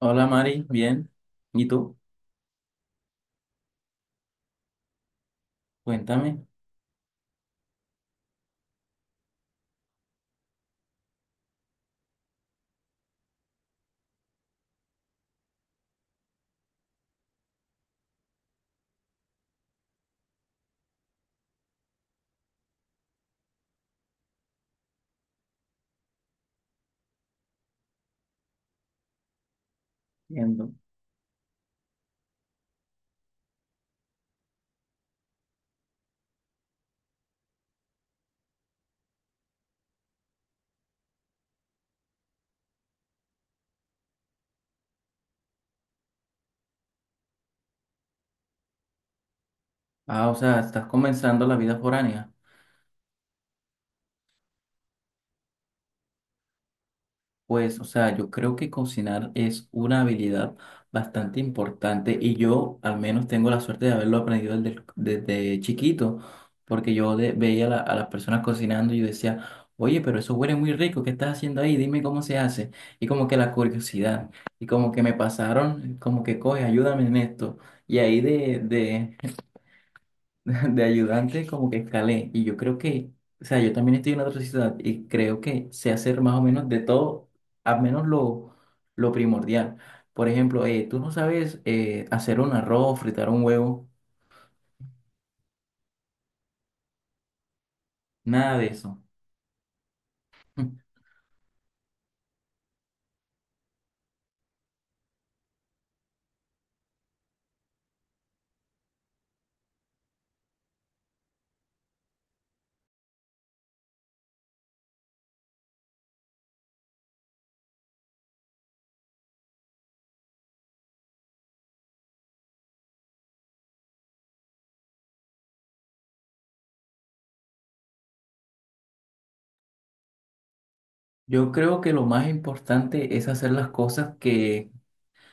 Hola Mari, bien. ¿Y tú? Cuéntame. Entiendo. Ah, o sea, estás comenzando la vida foránea. Pues, o sea, yo creo que cocinar es una habilidad bastante importante y yo al menos tengo la suerte de haberlo aprendido desde chiquito, porque yo veía a, a las personas cocinando y yo decía, oye, pero eso huele muy rico, ¿qué estás haciendo ahí? Dime cómo se hace. Y como que la curiosidad, y como que me pasaron, como que coge, ayúdame en esto. Y ahí de de ayudante como que escalé y yo creo que, o sea, yo también estoy en otra ciudad y creo que sé hacer más o menos de todo, al menos lo primordial. Por ejemplo, tú no sabes hacer un arroz, fritar un huevo, nada de eso. Yo creo que lo más importante es hacer las cosas que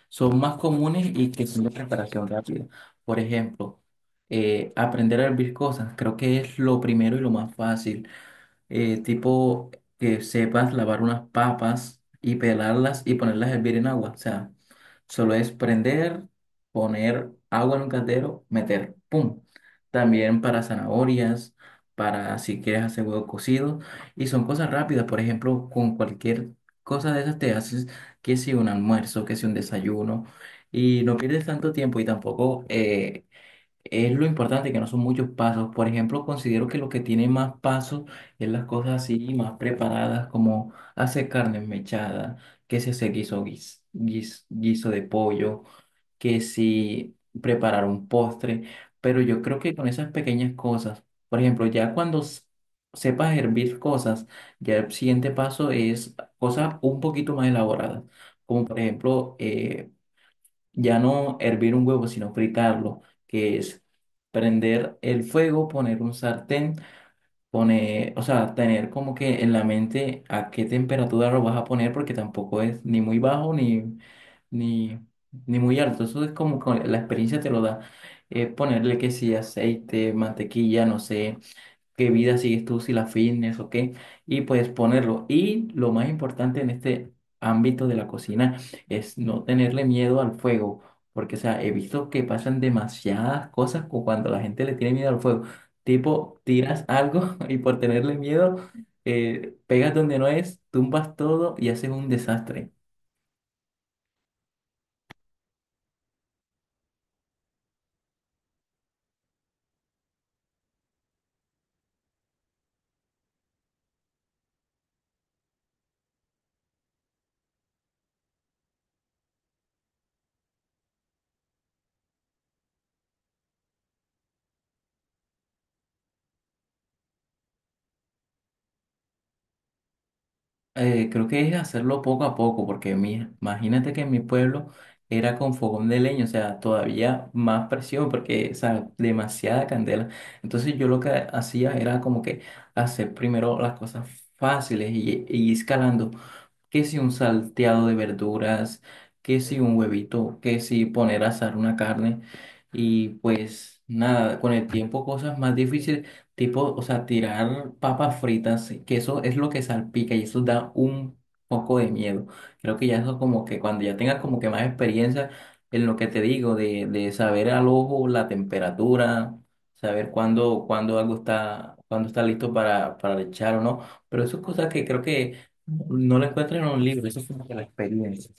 son más comunes y que son de preparación rápida. Por ejemplo, aprender a hervir cosas, creo que es lo primero y lo más fácil. Tipo que sepas lavar unas papas y pelarlas y ponerlas a hervir en agua. O sea, solo es prender, poner agua en un caldero, meter, ¡pum! También para zanahorias, para si quieres hacer huevo cocido. Y son cosas rápidas, por ejemplo, con cualquier cosa de esas te haces que si un almuerzo, que si un desayuno. Y no pierdes tanto tiempo y tampoco es lo importante que no son muchos pasos. Por ejemplo, considero que lo que tiene más pasos es las cosas así más preparadas, como hacer carne mechada, que si hacer guiso de pollo, que si preparar un postre. Pero yo creo que con esas pequeñas cosas, por ejemplo, ya cuando sepas hervir cosas, ya el siguiente paso es cosas un poquito más elaboradas, como por ejemplo ya no hervir un huevo, sino fritarlo, que es prender el fuego, poner un sartén, poner, o sea, tener como que en la mente a qué temperatura lo vas a poner, porque tampoco es ni muy bajo ni, ni muy alto. Eso es como que la experiencia te lo da. Ponerle que si aceite, mantequilla, no sé qué vida sigues tú, si la fitness o qué, y puedes ponerlo. Y lo más importante en este ámbito de la cocina es no tenerle miedo al fuego, porque, o sea, he visto que pasan demasiadas cosas cuando la gente le tiene miedo al fuego. Tipo, tiras algo y por tenerle miedo, pegas donde no es, tumbas todo y haces un desastre. Creo que es hacerlo poco a poco, porque imagínate que en mi pueblo era con fogón de leña, o sea, todavía más presión, porque, o sea, demasiada candela. Entonces yo lo que hacía era como que hacer primero las cosas fáciles y escalando que si un salteado de verduras, que si un huevito, que si poner a asar una carne y pues nada, con el tiempo cosas más difíciles, tipo, o sea, tirar papas fritas, que eso es lo que salpica y eso da un poco de miedo. Creo que ya eso como que cuando ya tengas como que más experiencia en lo que te digo, de saber al ojo la temperatura, saber cuándo algo está, cuándo está listo para echar o no, pero eso es cosas que creo que no la encuentras en un libro, eso es como que la experiencia.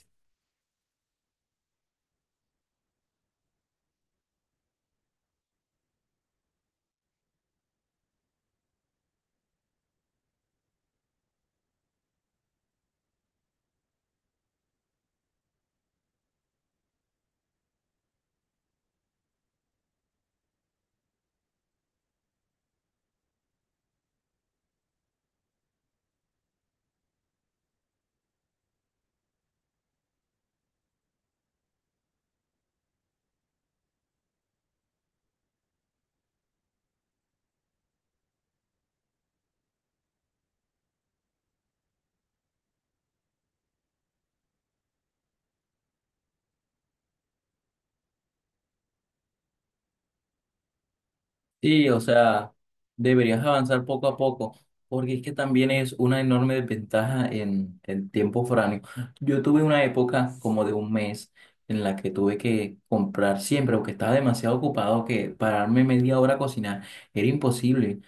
Sí, o sea, deberías avanzar poco a poco, porque es que también es una enorme desventaja en el tiempo foráneo. Yo tuve una época como de un mes en la que tuve que comprar siempre, porque estaba demasiado ocupado que pararme media hora a cocinar era imposible.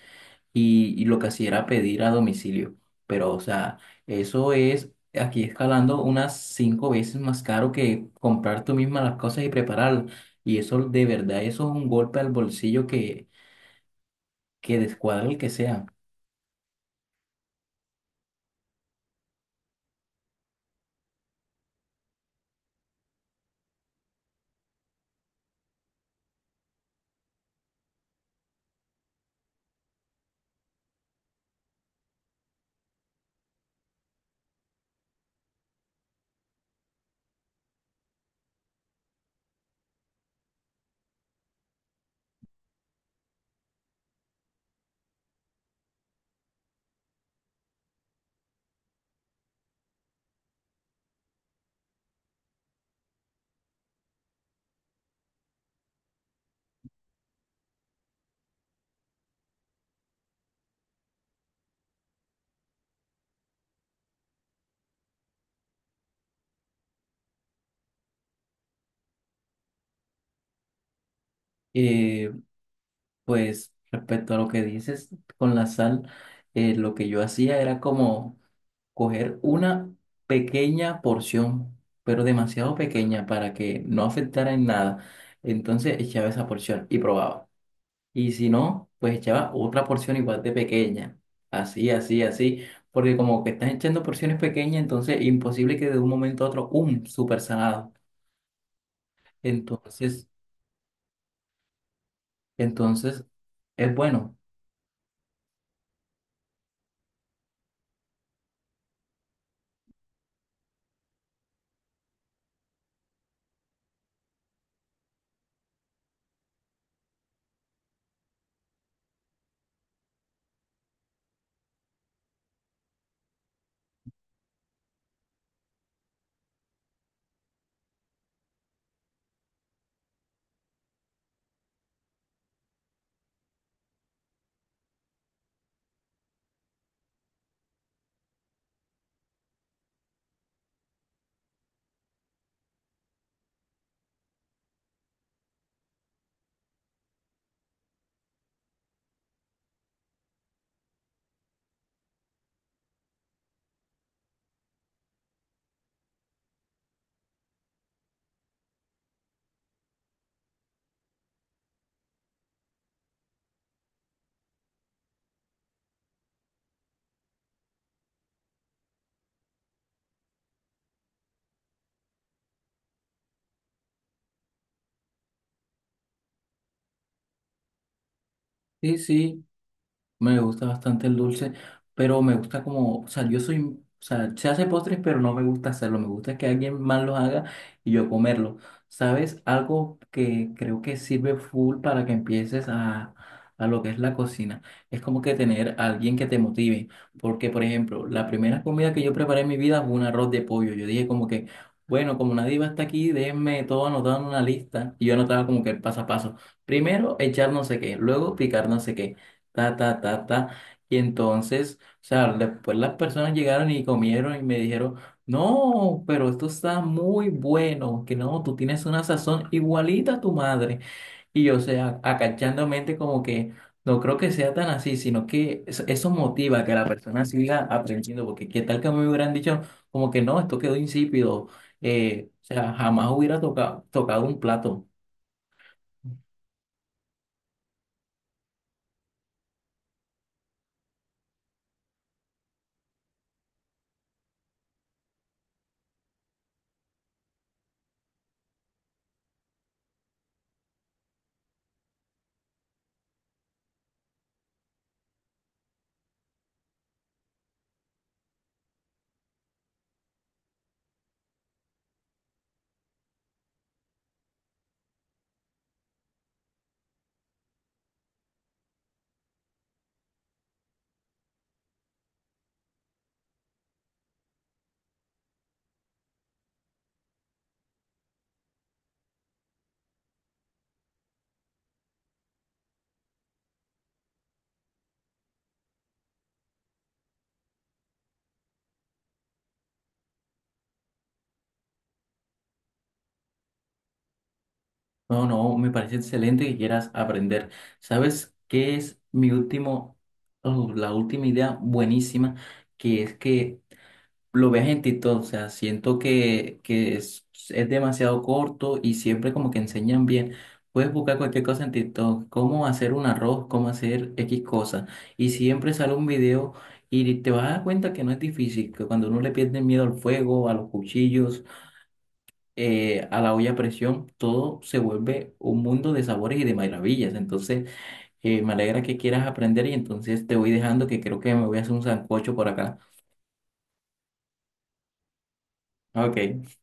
Y lo que hacía era pedir a domicilio. Pero, o sea, eso es aquí escalando unas cinco veces más caro que comprar tú misma las cosas y prepararlas. Y eso, de verdad, eso es un golpe al bolsillo que descuadra el que sea. Eh, pues, respecto a lo que dices con la sal, lo que yo hacía era como coger una pequeña porción, pero demasiado pequeña para que no afectara en nada. Entonces echaba esa porción y probaba. Y si no, pues echaba otra porción igual de pequeña. Así, así, así. Porque como que estás echando porciones pequeñas, entonces imposible que de un momento a otro, ¡um! Súper salado. Entonces, entonces, es bueno. Sí, sí. Me gusta bastante el dulce, pero me gusta como, o sea, yo soy, o sea, se hace postres, pero no me gusta hacerlo. Me gusta que alguien más los haga y yo comerlo. ¿Sabes? Algo que creo que sirve full para que empieces a lo que es la cocina. Es como que tener a alguien que te motive. Porque, por ejemplo, la primera comida que yo preparé en mi vida fue un arroz de pollo. Yo dije como que, bueno, como nadie va hasta aquí, déjenme todo anotado en una lista. Y yo anotaba como que el paso a paso. Primero, echar no sé qué, luego picar no sé qué ta, ta, ta, ta. Y entonces, o sea, después las personas llegaron y comieron y me dijeron, no, pero esto está muy bueno, que no, tú tienes una sazón igualita a tu madre. Y yo, o sea, acachándome como que no creo que sea tan así, sino que eso motiva que la persona siga aprendiendo, porque qué tal que me hubieran dicho como que no, esto quedó insípido, o sea, jamás hubiera tocado un plato. No, no, me parece excelente que quieras aprender. ¿Sabes qué es mi la última idea buenísima? Que es que lo veas en TikTok, o sea, siento que, es demasiado corto y siempre como que enseñan bien. Puedes buscar cualquier cosa en TikTok, cómo hacer un arroz, cómo hacer X cosa. Y siempre sale un video y te vas a dar cuenta que no es difícil, que cuando uno le pierde miedo al fuego, a los cuchillos a la olla a presión, todo se vuelve un mundo de sabores y de maravillas. Entonces, me alegra que quieras aprender y entonces te voy dejando que creo que me voy a hacer un sancocho por acá. Ok.